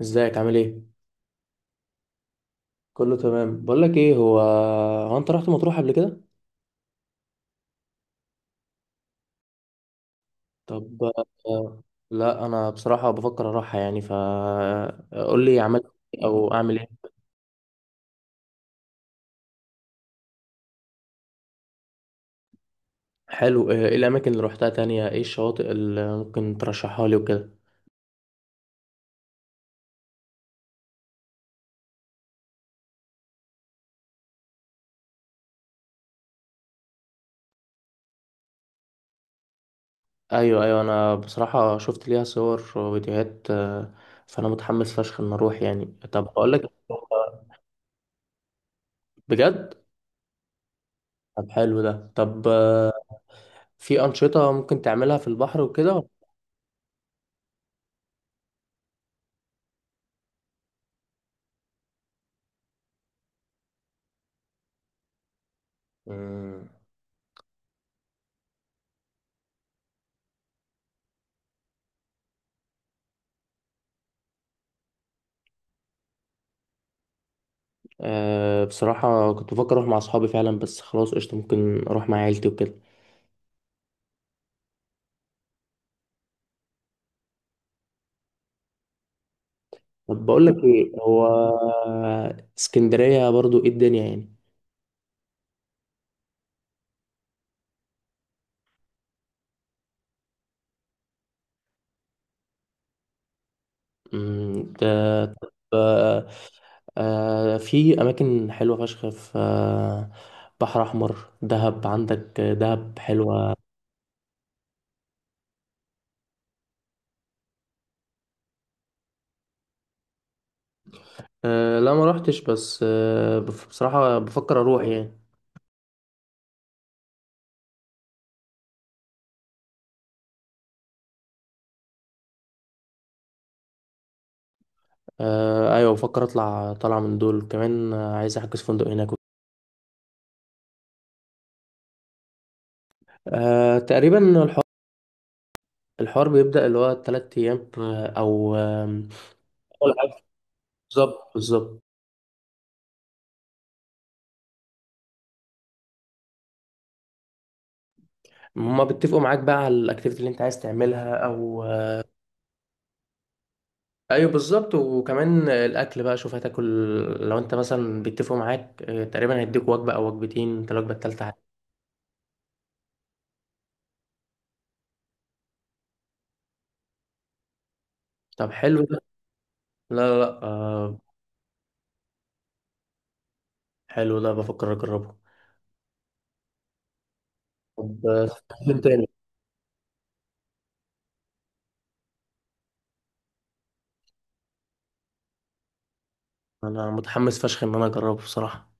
ازيك؟ عامل ايه؟ كله تمام. بقول لك ايه، هو انت رحت مطروح قبل كده؟ طب. آه، لا انا بصراحه بفكر اروحها يعني، ف قول لي عملت إيه او اعمل ايه؟ حلو. ايه الاماكن اللي روحتها تانية، ايه الشواطئ اللي ممكن ترشحها لي وكده؟ ايوه، ايوه، انا بصراحه شفت ليها صور وفيديوهات، فانا متحمس فشخ ان اروح يعني. طب اقول لك. بجد؟ طب حلو ده. طب، في انشطه ممكن تعملها في البحر وكده؟ مم. أه، بصراحة كنت بفكر أروح مع أصحابي فعلا، بس خلاص، قشطة، ممكن أروح مع عيلتي وكده. طب بقول لك إيه، هو اسكندرية برضو إيه الدنيا يعني؟ طب، آه، في أماكن حلوة فشخ في، بحر أحمر. دهب، عندك دهب حلوة. أه لا، ما روحتش، بس أه بصراحة بفكر أروح يعني. أه أيوة، بفكر أطلع طالعة من دول كمان. عايز أحجز فندق هناك. أه تقريبا الحوار، الحوار بيبدأ اللي هو تلات أيام، أو أول حاجة. بالظبط، بالظبط. هما بيتفقوا معاك بقى على الأكتيفيتي اللي أنت عايز تعملها، أو أيوه بالظبط. وكمان الأكل بقى، شوف هتاكل لو أنت مثلا. بيتفقوا معاك، تقريبا هيديك وجبة أو وجبتين، أنت الوجبة التالتة عادي. طب حلو ده. لا، لا، لا، حلو ده، بفكر أجربه. طب. فيلم تاني. أنا متحمس فشخ إن أنا أجربه بصراحة.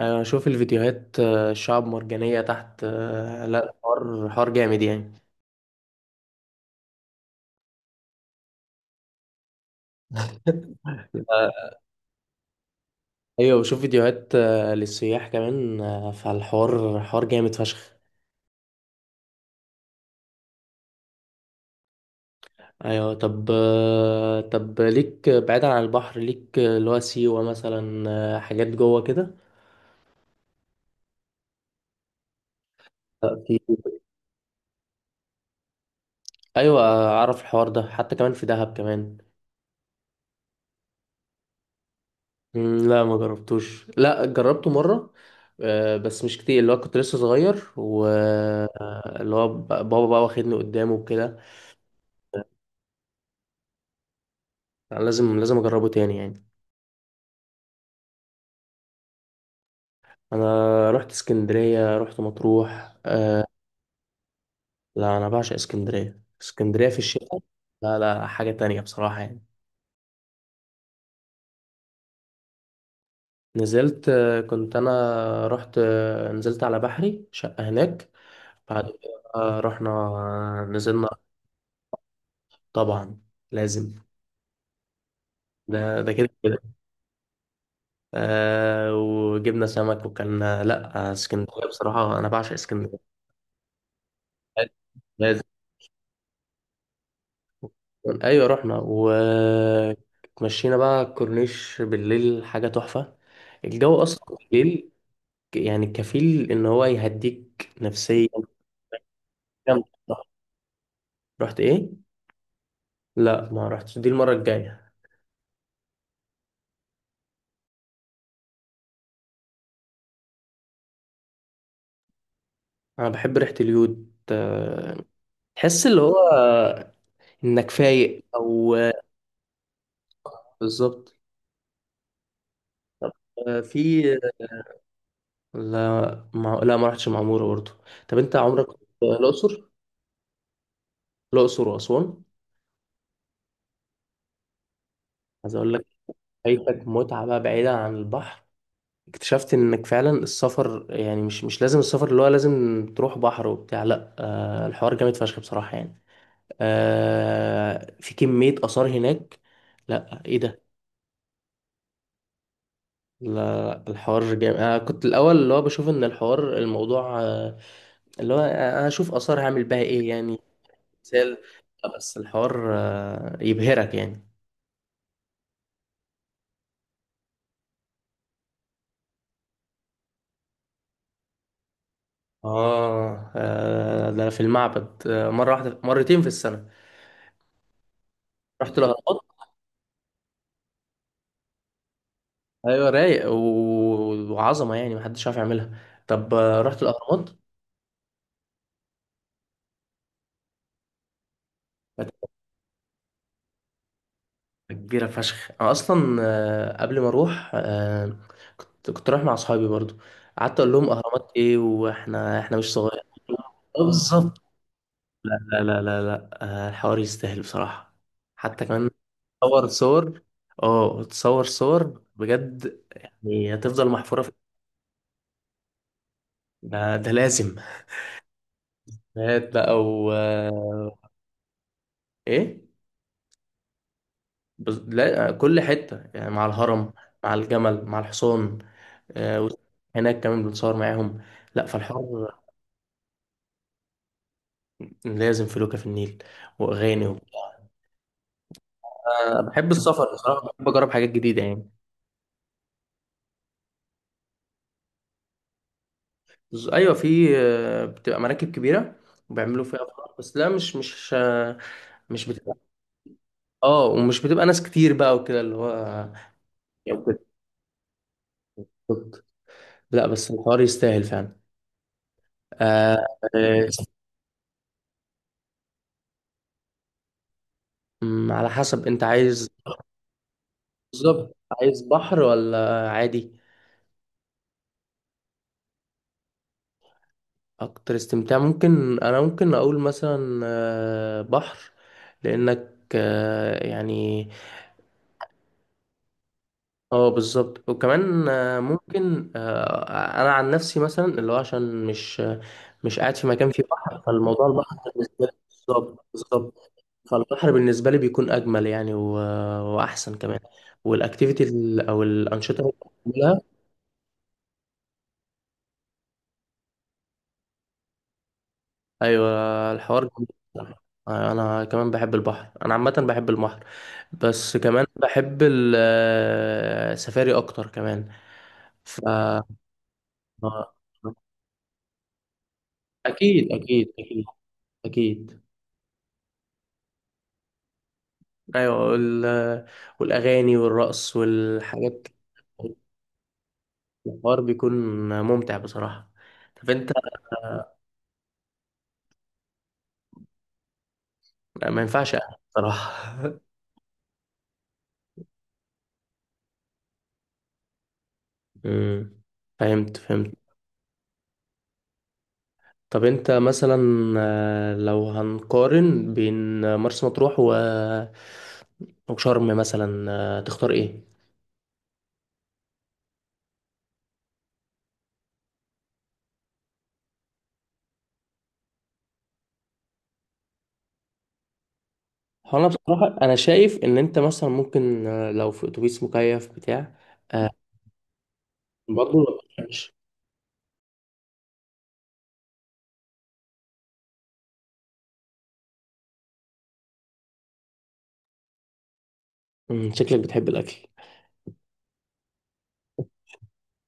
شوف الفيديوهات، الشعب مرجانية تحت. لا، حوار حوار جامد يعني. آه، ايوه، بشوف فيديوهات، للسياح كمان، فالحوار حوار جامد فشخ. ايوه. طب، طب ليك بعيدا عن البحر، ليك اللي هو سيوة مثلا. حاجات جوه كده. آه، في ايوه، اعرف الحوار ده، حتى كمان في دهب كمان. لا ما جربتوش. لا، جربته مرة، بس مش كتير، اللي هو كنت لسه صغير، واللي هو بابا بقى واخدني قدامه وكده. أنا لازم، لازم اجربه تاني يعني. انا رحت اسكندرية، رحت مطروح. لا انا بعشق اسكندريه، اسكندريه في الشتاء. لا، لا، حاجه تانية بصراحه يعني. نزلت، كنت انا رحت، نزلت على بحري، شقه هناك. بعد كده رحنا، نزلنا. طبعا. لازم. ده ده كده كده. آه وجبنا سمك وكلنا. لا اسكندريه بصراحه، انا بعشق اسكندريه. لازم. ايوه رحنا. ومشينا بقى الكورنيش بالليل، حاجه تحفه. الجو اصلا بالليل يعني كفيل ان هو يهديك نفسيا. جامد. رحت ايه؟ لا ما رحتش، دي المره الجايه. انا بحب ريحه اليود. تحس اللي هو انك فايق او. بالظبط. آه، في لا ما رحتش معموره برضه. طب انت عمرك رحت الاقصر؟ الاقصر واسوان. عايز اقول لك، فايتك متعه بقى بعيده عن البحر. اكتشفت انك فعلا السفر يعني، مش لازم السفر اللي هو لازم تروح بحر وبتاع. لا، الحوار جامد فشخ بصراحه يعني. آه في كمية آثار هناك. لا ايه ده. لا الحوار جامد. انا كنت الاول اللي هو بشوف ان الحوار الموضوع، اللي هو انا اشوف آثار هعمل بها ايه يعني. مثال. لا، بس الحوار يبهرك يعني. اه. ده في المعبد، مرة واحدة، مرتين في السنة. رحت الأهرامات. ايوه رايق، وعظمة يعني محدش عارف يعملها. طب، رحت الأهرامات. كبيرة فشخ. أنا أصلا قبل ما أروح، كنت رايح مع أصحابي برضو. قعدت أقول لهم أهرامات إيه، وإحنا، إحنا مش صغير. بالظبط. لا، لا، لا، لا، لا، الحوار يستاهل بصراحة. حتى كمان تصور صور. اه تصور صور بجد، يعني هتفضل محفورة في. ده, ده لازم. هات بقى و إيه؟ لا، كل حتة يعني مع الهرم، مع الجمل، مع الحصان. آه، هناك كمان بنتصور معاهم. لا فالحر. لازم فلوكة في النيل، وأغاني وبتاع. بحب السفر بصراحة، بحب أجرب حاجات جديدة يعني. أيوة، في، بتبقى مراكب كبيرة، وبيعملوا فيها أفراح، بس لا مش مش مش بتبقى. اه ومش بتبقى ناس كتير بقى وكده، اللي هو يعني كده. لا بس الحوار يستاهل فعلا. آه، آه، م، على حسب انت عايز. بالظبط. عايز بحر ولا عادي؟ اكتر استمتاع ممكن، انا ممكن اقول مثلا بحر، لانك يعني. اه بالظبط. وكمان ممكن انا عن نفسي، مثلا اللي هو عشان مش قاعد في مكان فيه بحر، فالموضوع البحر بالنسبه لي. بالظبط، بالظبط. فالبحر بالنسبه لي بيكون اجمل يعني، واحسن كمان. والاكتيفيتي او الانشطه اللي. ايوه الحوار جميل بصراحة. أيوة، انا كمان بحب البحر، انا عامه بحب البحر، بس كمان بحب السفاري اكتر كمان. ف آه، اكيد، اكيد، اكيد. اكيد. ايوه والاغاني والرقص والحاجات. الحوار بيكون ممتع بصراحه. طب انت. ما ينفعش أقعد بصراحه أمم، فهمت، فهمت. طب انت مثلا، لو هنقارن بين مرسى مطروح و وشرم مثلا، تختار ايه؟ هو انا بصراحه، انا شايف ان انت مثلا ممكن لو في اتوبيس مكيف بتاع. آه، برضه ما بتحبش. شكلك بتحب الاكل.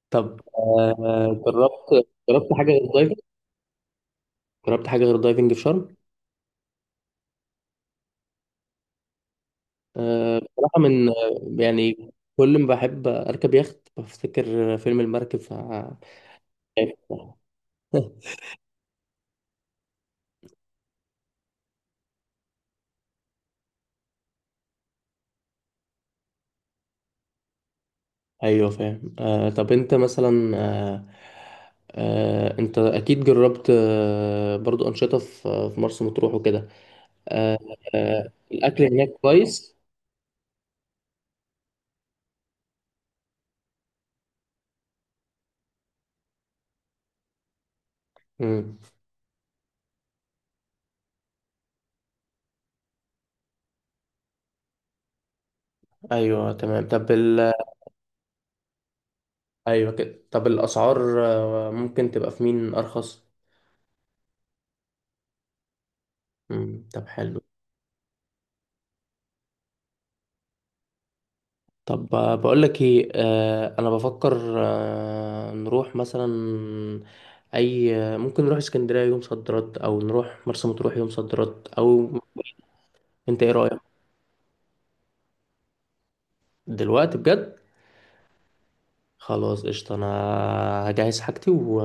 طب، جربت حاجه غير دايفنج؟ جربت حاجه غير دايفنج في شرم؟ بصراحه من، يعني كل ما بحب اركب يخت بفتكر فيلم المركب ف ايوه فاهم. آه طب انت مثلا آه، انت اكيد جربت برضو انشطه في مرسى مطروح وكده. آه الاكل هناك كويس. مم. ايوه تمام. طب ال... ايوه كده. طب الاسعار ممكن تبقى في مين ارخص؟ مم. طب حلو. طب، بقول لك ايه، انا بفكر، نروح مثلا. اي، ممكن نروح اسكندريه يوم صد رد، او نروح مرسى مطروح يوم صد رد او. انت ايه رايك؟ دلوقتي بجد؟ خلاص قشطة. أنا هجهز حاجتي و...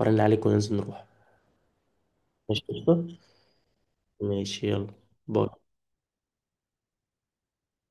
وأرن عليك وننزل نروح. ماشي قشطة. ماشي يلا. باي.